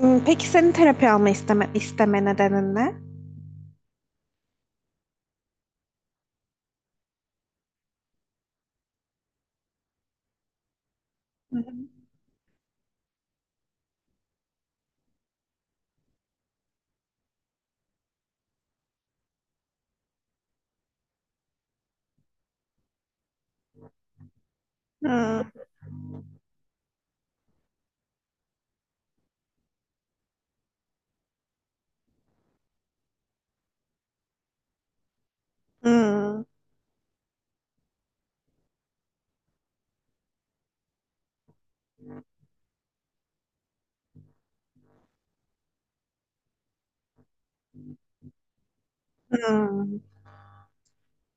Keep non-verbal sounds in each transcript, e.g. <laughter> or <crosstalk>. Hmm, Peki senin terapi alma isteme nedenin ne? Hmm, hmm, hmm.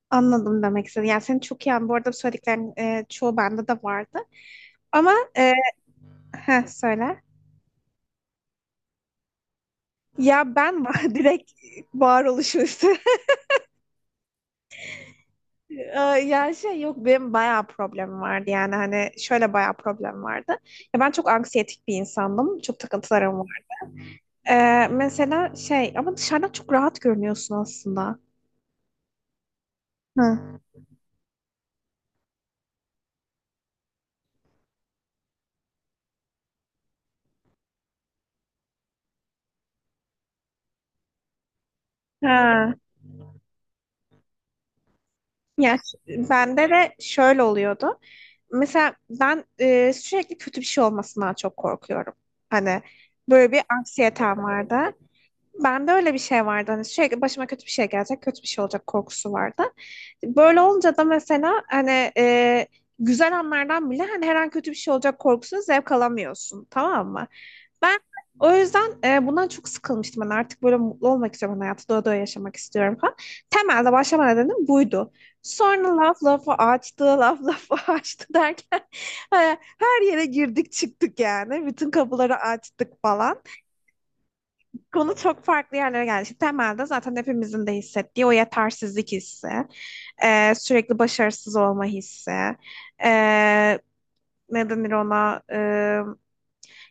Anladım demek istedim. Yani seni çok iyi anlıyorum. Bu arada söylediklerin çoğu bende de vardı. Ama söyle. Ya ben <laughs> direkt varoluşu üstü. Ee, <laughs> Ya şey yok benim bayağı problemim vardı yani hani şöyle bayağı problem vardı. Ya ben çok anksiyetik bir insandım. Çok takıntılarım var. Mesela şey ama dışarıdan çok rahat görünüyorsun aslında. Hı. Ha. Ya ş- bende de şöyle oluyordu. Mesela ben sürekli kötü bir şey olmasından çok korkuyorum. Hani böyle bir anksiyetem vardı. Bende öyle bir şey vardı. Hani sürekli başıma kötü bir şey gelecek, kötü bir şey olacak korkusu vardı. Böyle olunca da mesela hani güzel anlardan bile hani her an kötü bir şey olacak korkusunu zevk alamıyorsun. Tamam mı? Ben o yüzden bundan çok sıkılmıştım. Ben artık böyle mutlu olmak istiyorum. Ben hayatı doya doya yaşamak istiyorum falan. Temelde başlama nedenim buydu. Sonra laf lafı açtı, laf lafı <laughs> açtı derken e, her yere girdik çıktık yani. Bütün kapıları açtık falan. Konu çok farklı yerlere geldi. Şimdi temelde zaten hepimizin de hissettiği o yetersizlik hissi, sürekli başarısız olma hissi, e, ne denir ona,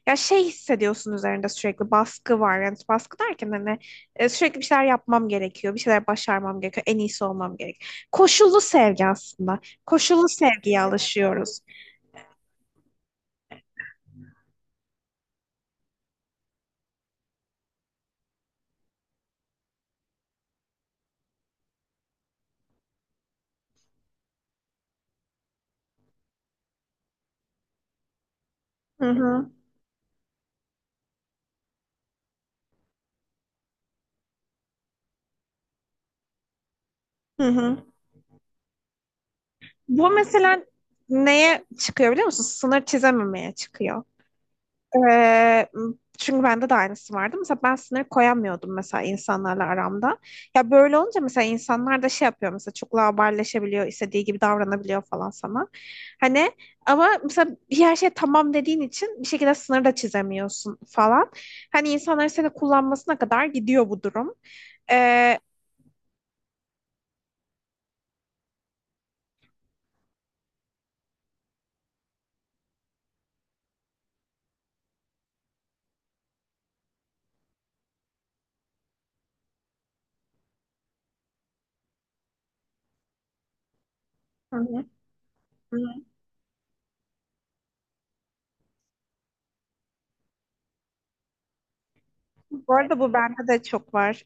ya şey hissediyorsun üzerinde sürekli baskı var. Yani baskı derken hani sürekli bir şeyler yapmam gerekiyor, bir şeyler başarmam gerekiyor, en iyisi olmam gerekiyor. Koşullu sevgi aslında. Koşullu sevgiye alışıyoruz. Hı hı. Hı hı. Bu mesela neye çıkıyor biliyor musun? Sınır çizememeye çıkıyor. Ee, çünkü bende de aynısı vardı. Mesela ben sınır koyamıyordum mesela insanlarla aramda. Ya böyle olunca mesela insanlar da şey yapıyor mesela çok laubalileşebiliyor, istediği gibi davranabiliyor falan sana. Hani ama mesela bir her şey tamam dediğin için bir şekilde sınır da çizemiyorsun falan. Hani insanların seni kullanmasına kadar gidiyor bu durum. Hı hı. Hı hı. Bu arada bu bende de çok var.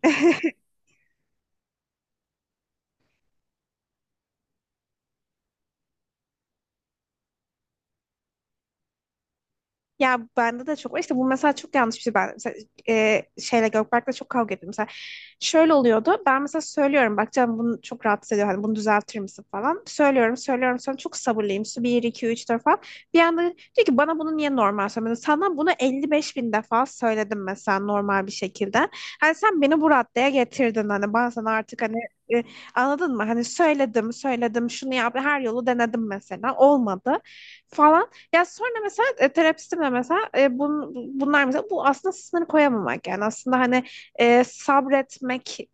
Ya bende de çok var. İşte bu mesela çok yanlış bir şey. Ben mesela, şeyle Gökberk'le çok kavga ettim. Mesela şöyle oluyordu. Ben mesela söylüyorum. Bak canım bunu çok rahatsız ediyor. Hani bunu düzeltir misin falan. Söylüyorum, söylüyorum. Sonra çok sabırlıyım. Su bir 2 3 4 falan. Bir anda diyor ki bana bunu niye normal söylemedin? Sana bunu 55 bin defa söyledim mesela normal bir şekilde. Hani sen beni bu raddeye getirdin. Hani ben sana artık hani e, anladın mı? Hani söyledim, söyledim. Şunu yap. Her yolu denedim mesela. Olmadı falan. Ya sonra mesela terapistimle mesela bunlar mesela bu aslında sınır koyamamak yani aslında hani sabretmek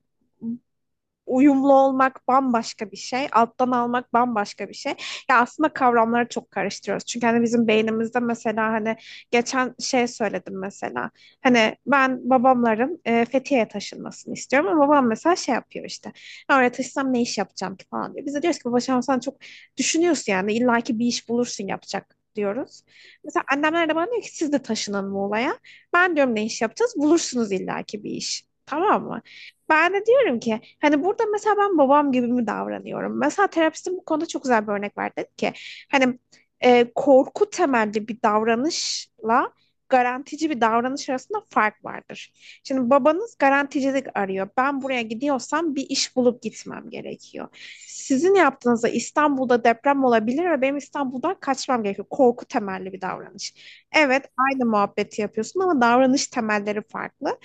uyumlu olmak bambaşka bir şey, alttan almak bambaşka bir şey. Ya aslında kavramları çok karıştırıyoruz. Çünkü hani bizim beynimizde mesela hani geçen şey söyledim mesela. Hani ben babamların Fethiye'ye taşınmasını istiyorum ama babam mesela şey yapıyor işte. "Ya oraya taşısam ne iş yapacağım ki falan diyor. Biz de diyoruz ki babacığım sen çok düşünüyorsun yani illaki bir iş bulursun yapacak diyoruz. Mesela annemler de bana diyor ki siz de taşının Muğla'ya. Ben diyorum ne iş yapacağız? Bulursunuz illaki bir iş. Tamam mı? Ben de diyorum ki hani burada mesela ben babam gibi mi davranıyorum? Mesela terapistim bu konuda çok güzel bir örnek verdi. Dedi ki hani korku temelli bir davranışla garantici bir davranış arasında fark vardır. Şimdi babanız garanticilik arıyor. Ben buraya gidiyorsam bir iş bulup gitmem gerekiyor. Sizin yaptığınızda İstanbul'da deprem olabilir ve benim İstanbul'dan kaçmam gerekiyor. Korku temelli bir davranış. Evet, aynı muhabbeti yapıyorsun ama davranış temelleri farklı.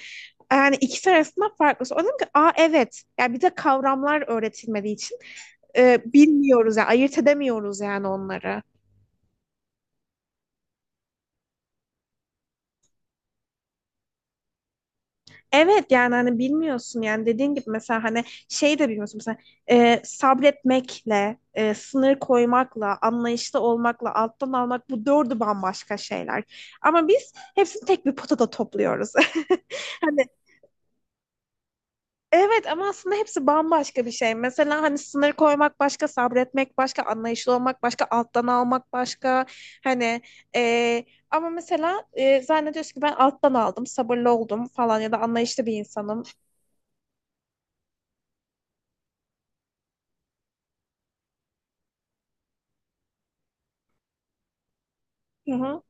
Yani ikisi arasında farklı. Sonra dedim ki aa evet. Yani bir de kavramlar öğretilmediği için bilmiyoruz yani ayırt edemiyoruz yani onları. Evet yani hani bilmiyorsun yani dediğin gibi mesela hani şey de bilmiyorsun mesela sabretmekle, sınır koymakla, anlayışlı olmakla, alttan almak bu dördü bambaşka şeyler. Ama biz hepsini tek bir potada topluyoruz. <laughs> Hani evet ama aslında hepsi bambaşka bir şey. Mesela hani sınır koymak başka, sabretmek başka, anlayışlı olmak başka, alttan almak başka. Hani eee, ama mesela zannediyorsun ki ben alttan aldım, sabırlı oldum falan ya da anlayışlı bir insanım. Hı hı.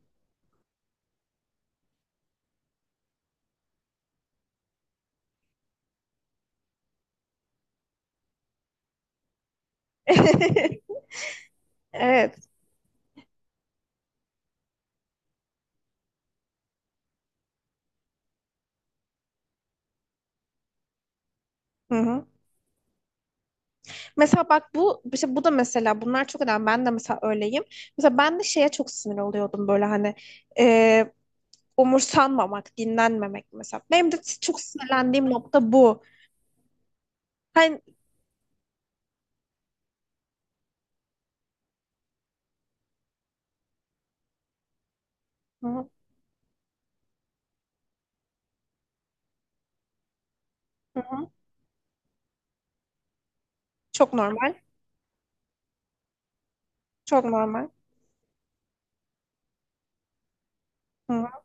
<laughs> Evet. Hı hı. Mesela bak bu işte bu da mesela bunlar çok önemli. Ben de mesela öyleyim. Mesela ben de şeye çok sinir oluyordum böyle hani e, umursanmamak, dinlenmemek mesela. Benim de çok sinirlendiğim nokta bu. Hani, hı hı, hı hı. Çok normal. Çok normal. Hı hı.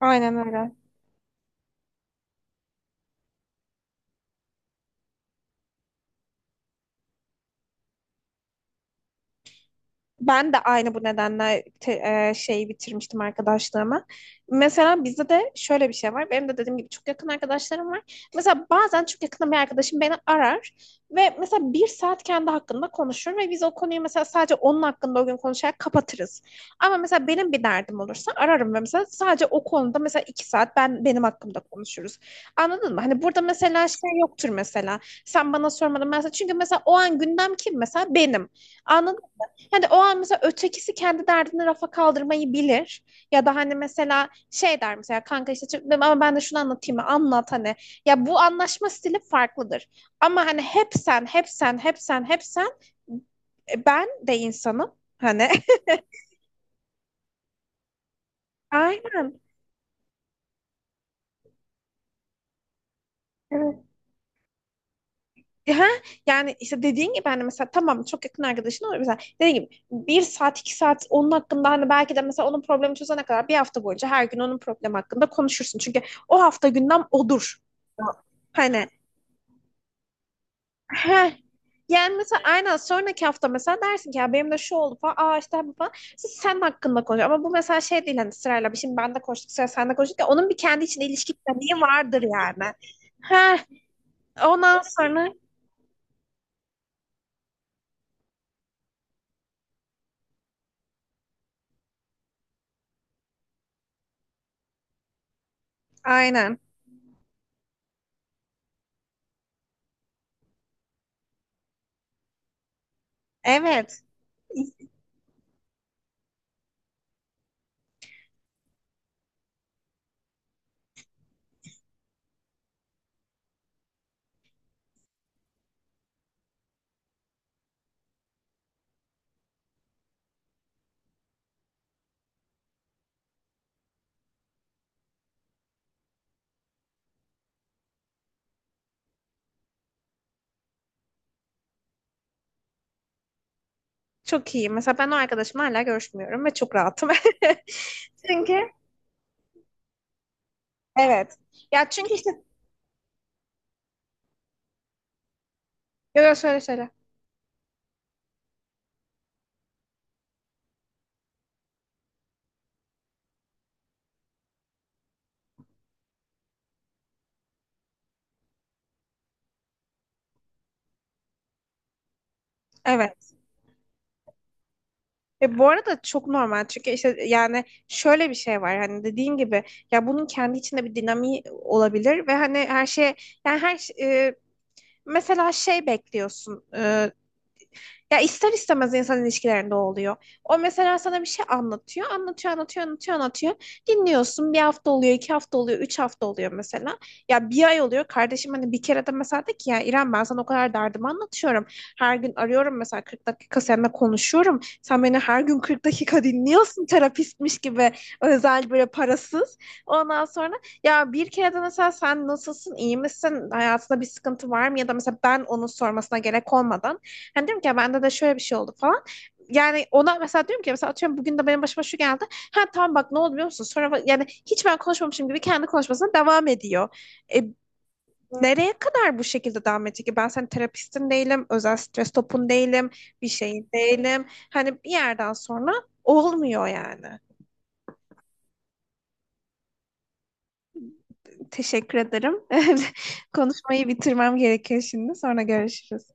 Aynen öyle. Ben de aynı bu nedenle şeyi bitirmiştim arkadaşlığımı. Mesela bizde de şöyle bir şey var. Benim de dediğim gibi çok yakın arkadaşlarım var. Mesela bazen çok yakın bir arkadaşım beni arar ve mesela bir saat kendi hakkında konuşur ve biz o konuyu mesela sadece onun hakkında o gün konuşarak kapatırız. Ama mesela benim bir derdim olursa ararım ve mesela sadece o konuda mesela iki saat ben benim hakkımda konuşuruz. Anladın mı? Hani burada mesela şey yoktur mesela. Sen bana sormadın mesela. Çünkü mesela o an gündem kim mesela? Benim. Hani o an mesela ötekisi kendi derdini rafa kaldırmayı bilir. Ya da hani mesela şey der mesela kanka işte ama ben de şunu anlatayım mı? Anlat hani. Ya bu anlaşma stili farklıdır. Ama hani hep sen, hep sen, hep sen, hep sen ben de insanım. Hani <laughs> aynen. Evet. Ha, yani işte dediğin gibi hani mesela tamam çok yakın arkadaşın olur mesela dediğin gibi bir saat iki saat onun hakkında hani belki de mesela onun problemi çözene kadar bir hafta boyunca her gün onun problemi hakkında konuşursun. Çünkü o hafta gündem odur. Hani heh. yani mesela aynen sonraki hafta mesela dersin ki ya benim de şu oldu falan. Aa işte bu falan. Siz sen hakkında konuşuyor. Ama bu mesela şey değil hani sırayla bir şimdi ben de konuştuk sıra sen de konuştuk ya onun bir kendi içinde ilişki dinamiği vardır yani. Heh. Ondan sonra aynen. Evet. Çok iyi. Mesela ben o arkadaşımla hala görüşmüyorum ve çok rahatım. <laughs> Çünkü evet. Ya çünkü işte yo yo söyle söyle. Evet. E bu arada çok normal çünkü işte yani şöyle bir şey var hani dediğin gibi ya bunun kendi içinde bir dinamiği olabilir ve hani her şeye yani mesela şey bekliyorsun ya ister istemez insan ilişkilerinde oluyor. O mesela sana bir şey anlatıyor, anlatıyor, anlatıyor, anlatıyor, anlatıyor. Dinliyorsun bir hafta oluyor, 2 hafta oluyor, 3 hafta oluyor mesela. Ya bir ay oluyor. Kardeşim hani bir kere de mesela de ki ya İrem ben sana o kadar derdimi anlatıyorum. Her gün arıyorum mesela 40 dakika seninle konuşuyorum. Sen beni her gün 40 dakika dinliyorsun terapistmiş gibi özel böyle parasız. Ondan sonra ya bir kere de mesela sen nasılsın, iyi misin, hayatında bir sıkıntı var mı? Ya da mesela ben onun sormasına gerek olmadan hani diyorum ki ya bende de şöyle bir şey oldu falan. Yani ona mesela diyorum ki mesela atıyorum bugün de benim başıma şu geldi. Ha tamam bak ne oldu biliyor musun? Sonra yani hiç ben konuşmamışım gibi kendi konuşmasına devam ediyor. E, nereye kadar bu şekilde devam edecek ki? Ben senin terapistin değilim, özel stres topun değilim, bir şeyin değilim. Hani bir yerden sonra olmuyor yani. Teşekkür ederim. <laughs> Konuşmayı bitirmem gerekiyor şimdi. Sonra görüşürüz.